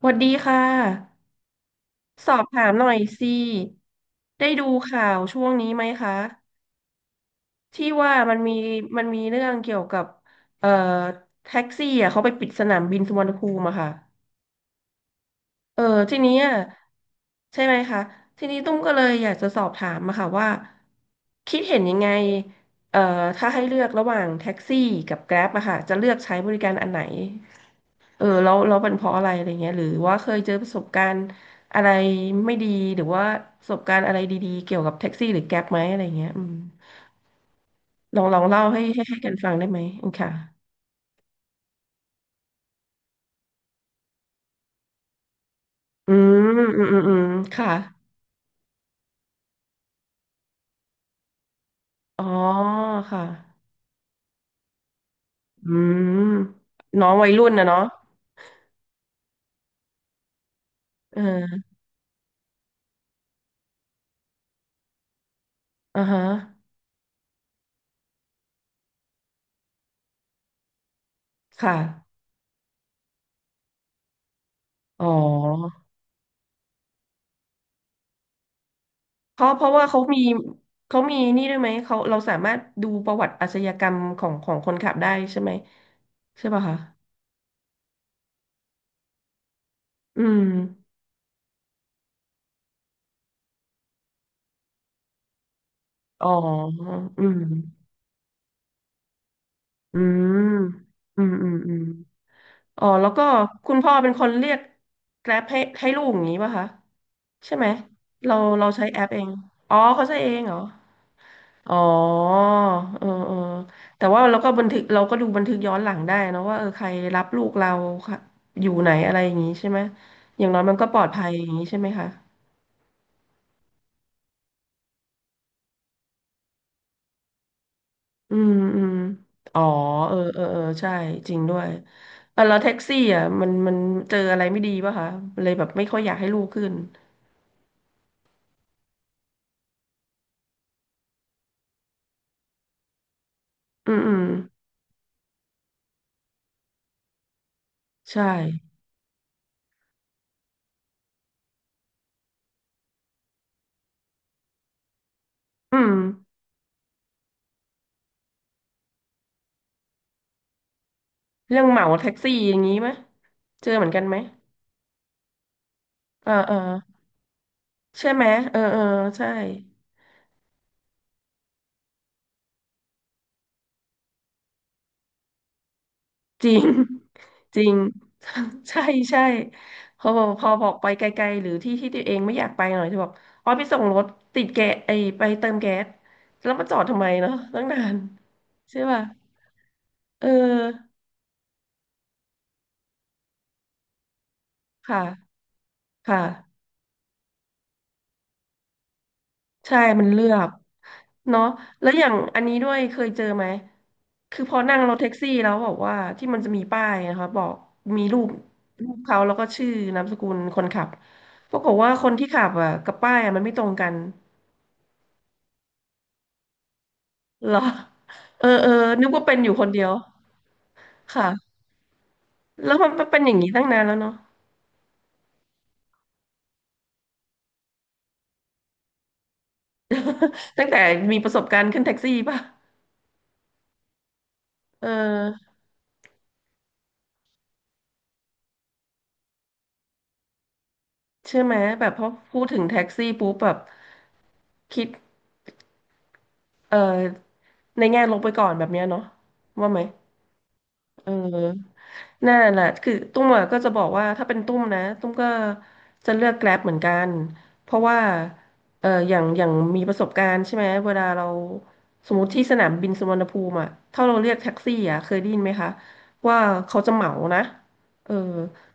สวัสดีค่ะสอบถามหน่อยสิได้ดูข่าวช่วงนี้ไหมคะที่ว่ามันมีเรื่องเกี่ยวกับเอ่อแท็กซี่อ่ะเขาไปปิดสนามบินสุวรรณภูมิอะค่ะเออทีนี้อะใช่ไหมคะทีนี้ตุ้มก็เลยอยากจะสอบถามมาค่ะว่าคิดเห็นยังไงเอ่อถ้าให้เลือกระหว่างแท็กซี่กับแกร็บอะค่ะจะเลือกใช้บริการอันไหน เออแล้วเันเพราะอะไรอะไรเงี้ยหรือว่าเคยเจอประสบการณ์อะไรไม่ดีหรือว่าประสบการณ์อะไรดีๆเกี่ยวกับแท็กซี่หรือแก๊ปไหมอะไรเงี้ยอืมลองเล่าให้กันฟังได้ไหมอืมค่ะอืมอืมอืมอืมค่ะอ๋อค่ะอืมน้องวัยรุ่นนะเนาะเอออ่าฮะค่ะอ๋อเพราะว่าเขามีเขามีนี่ด้วยไหมเขาเราสามารถดูประวัติอาชญากรรมของคนขับได้ใช่ไหมใช่ป่ะคะอืม อ๋ออืมอืมอืมอืมอืมอ๋อ แล้วก็คุณพ่อเป็นคนเรียกแกร็บให้ลูกอย่างนี้ป่ะคะใช่ไหมเราใช้แอปเองอ๋อเขาใช้เองเหรออ๋อเออเออแต่ว่าเราก็บันทึกเราก็ดูบันทึกย้อนหลังได้เนอะว่าเออใครรับลูกเราค่ะอยู่ไหนอะไรอย่างนี้ใช่ไหมอย่างน้อยมันก็ปลอดภัยอย่างนี้ใช่ไหมคะ อืมอืมอ๋อเออเออเออใช่จริงด้วยเออแล้วแท็กซี่อ่ะมันเจออะไรไม่ดีป่ะคะเลยแบบไม่ค่อยอยากให้ลูกขึ้นอืมอืมใช่อืมเรื่องเหมาแท็กซี่อย่างนี้ไหมเจอเหมือนกันไหมเออเออใช่ไหมเออเออใช่ จริง จริง ใช่ใช่พอบอกไปไกลๆหรือที่ที่ตัวเองไม่อยากไปหน่อยจะบอกอ๋อไปส่งรถติดแกสไอไปเติมแก๊สแล้วมาจอดทำไมเนาะตั้งนานใช่ป่ะเออค่ะค่ะใช่มันเลือกเนาะแล้วอย่างอันนี้ด้วยเคยเจอไหมคือพอนั่งรถแท็กซี่แล้วบอกว่าที่มันจะมีป้ายนะคะบอกมีรูปรูปเขาแล้วก็ชื่อนามสกุลคนขับปรากฏว่าคนที่ขับอ่ะกับป้ายอ่ะมันไม่ตรงกัน เหรอ เออเออ นึกว่าเป็นอยู่คนเดียว ค่ะ แล้วมันเป็นอย่างนี้ตั้งนานแล้วเนาะตั้งแต่มีประสบการณ์ขึ้นแท็กซี่ป่ะ เออใช่ไหมแบบพอพูดถึงแท็กซี่ปุ๊บแบบคิด เออ ในแง่ลบไปก่อนแบบเนี้ยเนาะว่าไหม เออ นั่นแหละคือตุ้มอะก็จะบอกว่าถ้าเป็นตุ้มนะตุ้มก็จะเลือกแกร็บเหมือนกันเพราะว่าเอออย่างอย่างมีประสบการณ์ใช่ไหมเวลาเราสมมติที่สนามบินสุวรรณภูมิอ่ะถ้าเราเรียกแท็กซี่อ่ะเคยได้ยินไหมคะว่าเขาจะเหมานะเออ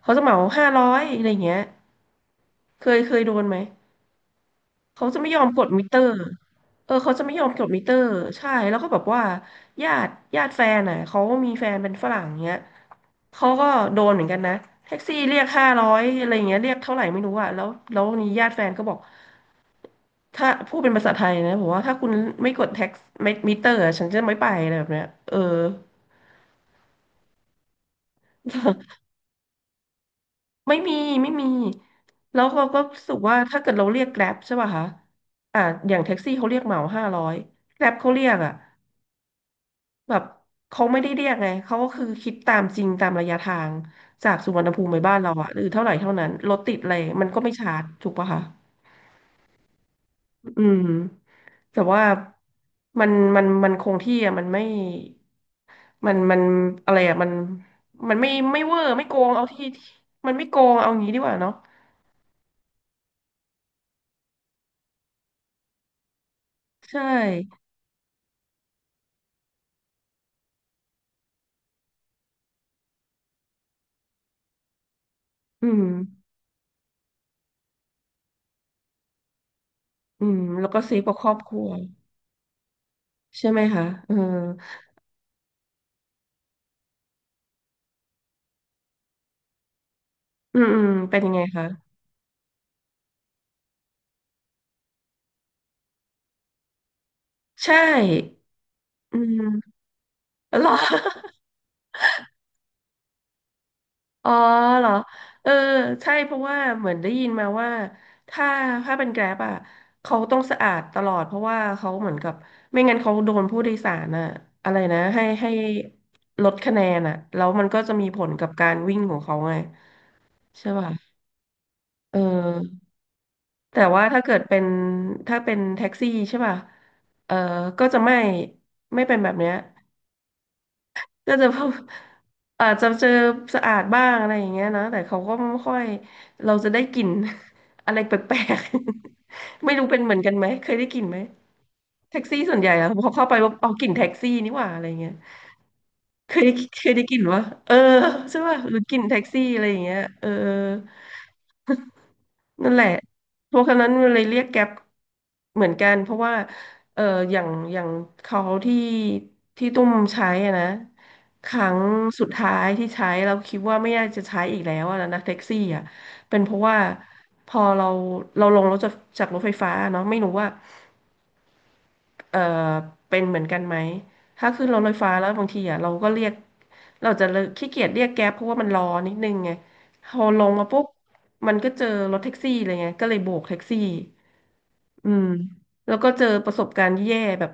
เขาจะเหมาห้าร้อยอะไรเงี้ยเคยโดนไหม เขาจะไม่ยอมกดมิเตอร์เออเขาจะไม่ยอมกดมิเตอร์ใช่ แล้วก็แบบว่าญาติแฟนอ่ะเขามีแฟนเป็นฝรั่งเงี้ยเขาก็โดนเหมือนกันนะแท็กซี่เรียกห้าร้อยอะไรเงี้ยเรียกเท่าไหร่ไม่รู้อ่ะแล้วนี่ญาติแฟนก็บอกถ้าพูดเป็นภาษาไทยนะบอกว่าถ้าคุณไม่กดแท็กไม่มิเตอร์อะฉันจะไม่ไปอะไรแบบเนี้ยเออ ไม่มีไม่มีแล้วเราก็รู้สึกว่าถ้าเกิดเราเรียกแกร็บใช่ป่ะคะอ่าอย่างแท็กซี่เขาเรียกเหมาห้าร้อยแกร็บเขาเรียกอ่ะ แบบเขาไม่ได้เรียกไงเขาก็คือคิดตามจริงตามระยะทางจากสุวรรณภูมิไปบ้านเราอะหรือเท่าไหร่เท่านั้นรถติดอะไรมันก็ไม่ชาร์จถูกปะคะอืมแต่ว่ามันมันคงที่อะมันไม่มันอะไรอะมันมันไม่เวอร์ไม่โกงเอาที่ที่มันไม่โกงเอางี้ดีกว่าเนาะใช่อืมอืมแล้วก็ซื้อกับครอบครัวใช่ไหมคะเอออืมอืมเป็นยังไงคะใช่อืมเหรอ อ๋อเหรอเออใช่เพราะว่าเหมือนได้ยินมาว่าถ้าถ้าเป็นแกร็บอ่ะเขาต้องสะอาดตลอดเพราะว่าเขาเหมือนกับไม่งั้นเขาโดนผู้โดยสารอ่ะอะไรนะให้ลดคะแนนอ่ะแล้วมันก็จะมีผลกับการวิ่งของเขาไงใช่ป่ะเออแต่ว่าถ้าเกิดเป็นถ้าเป็นแท็กซี่ใช่ป่ะเออก็จะไม่ไม่เป็นแบบเนี้ย ก็จะพบอาจจะเจอสะอาดบ้างอะไรอย่างเงี้ยนะแต่เขาก็ไม่ค่อยเราจะได้กลิ่น อะไรแปลกๆ ไม่รู้เป็นเหมือนกันไหมเคยได้กลิ่นไหมแท็กซี่ส่วนใหญ่อะพอเข้าไปว่าเอากลิ่นแท็กซี่นี่หว่าอะไรเงี้ยเคยได้เคยได้กลิ่นวะเออใช่ป่ะหรือกลิ่นแท็กซี่อะไรอย่างเงี้ยเออ นั่นแหละเพราะฉะนั้นมันเลยเรียกแก๊ปเหมือนกันเพราะว่าเอออย่างอย่างเขาที่ที่ตุ้มใช้อะนะครั้งสุดท้ายที่ใช้เราคิดว่าไม่น่าจะใช้อีกแล้วอะนะแท็กซี่อะเป็นเพราะว่าพอเราลงรถจากรถไฟฟ้าเนาะไม่รู้ว่า เอ่อเป็นเหมือนกันไหมถ้าขึ้นรถไฟฟ้าแล้วบางทีอ่ะเราก็เรียกเราจะเลิกขี้เกียจเรียกแก๊ปเพราะว่ามันรอนิดนึงไงพอลงมาปุ๊บมันก็เจอรถแท็กซี่เลยไงก็เลยโบกแท็กซี่อืมแล้วก็เจอประสบการณ์แย่แบบ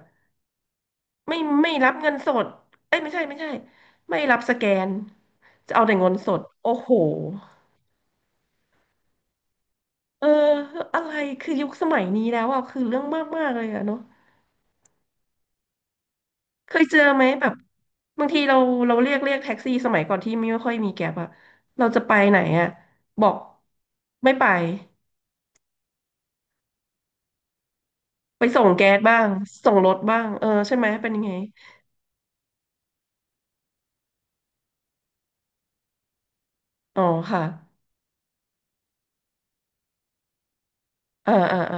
ไม่ไม่รับเงินสดเอ้ยไม่ใช่ไม่ใช่ไม่รับสแกนจะเอาแต่เงินสดโอ้โหเอออะไรคือยุคสมัยนี้แล้วอ่ะคือเรื่องมากมากเลยอะเนาะ เคยเจอไหมแบบบางทีเราเราเรียกแท็กซี่สมัยก่อนที่ไม่ค่อยมีแก๊ปอะเราจะไปไหนอะบอกไม่ไปไปส่งแก๊สบ้างส่งรถบ้างเออใช่ไหมเป็นยังไงอ๋อค่ะเออเออเออ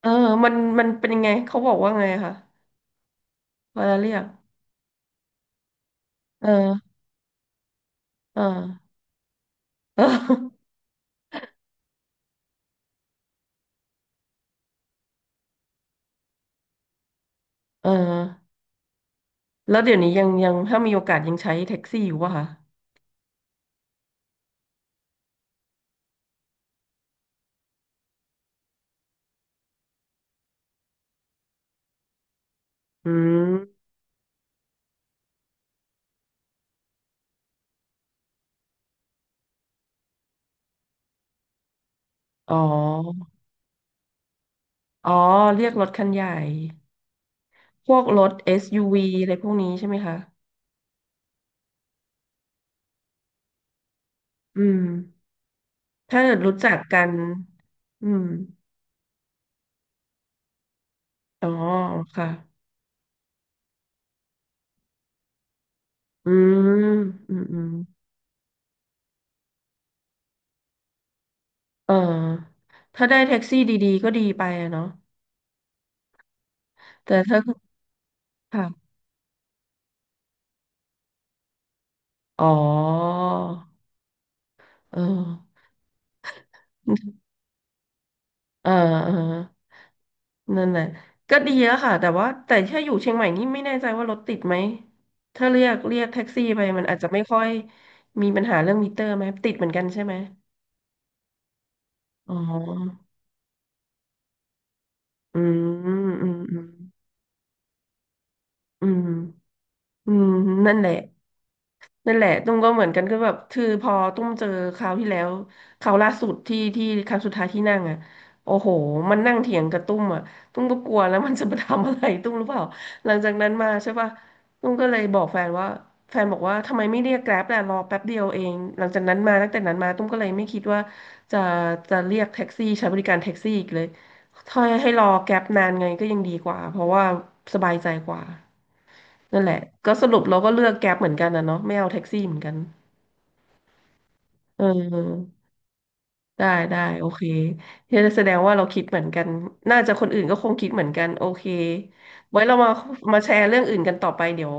เออมันมันเป็นยังไงเขาบอกว่าไงคะเวลาเรียกเออเออเออเออแล้วเดี๋ยวนี้ยังถ้ามีโอกาสยังใช้แท็กซี่อยู่ป่ะคะอืมอ๋ออ๋อเรียกรถคันใหญ่ พวกรถ SUV อสยูวีอะไรพวกนี้ใช่ไหมคะอืมถ้าเกิดรู้จักกัน อืม อ๋อ ค่ะอืมอืมอืมเออถ้าได้แท็กซี่ดีๆก็ดีไปอะเนาะแต่ถ้าค่ะอ๋อเออเออเออนั่นแหละก็ดีแล้ค่ะแต่ว่า แต่ถ้าอยู่เชียงใหม่นี่ไม่แน่ใจว่ารถติดไหมถ้าเรียกแท็กซี่ไปมันอาจจะไม่ค่อยมีปัญหาเรื่องมิเตอร์ไหมติดเหมือนกันใช่ไหม อ๋อ อืมอืมอืมอืมอืมนั่นแหละ นั่นแหละตุ้มก็เหมือนกันก็แบบคือพอตุ้มเจอคราวที่แล้วคราวล่าสุดที่ครั้งสุดท้ายที่นั่งอ่ะโอ้โหมันนั่งเถียงกับตุ้มอ่ะตุ้มก็กลัวแล้ว มันจะมาทำอะไรตุ้มหรู้เปล่าหลังจากนั้นมาใช่ป่ะตุ้มก็เลยบอกแฟนว่าแฟนบอกว่าทำไมไม่เรียกแกร็บล่ะรอแป๊บเดียวเองหลังจากนั้นมาตั้งแต่นั้นมาตุ้มก็เลยไม่คิดว่าจะจะเรียกแท็กซี่ใช้บริการแท็กซี่อีกเลยถ้าให้รอแกร็บนานไงก็ยังดีกว่าเพราะว่าสบายใจกว่า นั่นแหละ ก็สรุปเราก็เลือกแก๊ปเหมือนกันนะเนาะไม่เอาแท็กซี่เหมือนกัน เออได้ได้โอเคเฮ้ยแสดงว่าเราคิดเหมือนกัน น่าจะคนอื่นก็คงคิดเหมือนกันโอเค ไว้เรามาแชร์เรื่องอื่นกันต่อไป เดี๋ยว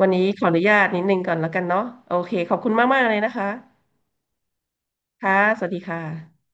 วันนี้ขออนุญาตนิดนึงก่อนแล้วกันเนาะโอเคขอบคุณมากๆเลยนะคะค่ะสวัสดีค่ะ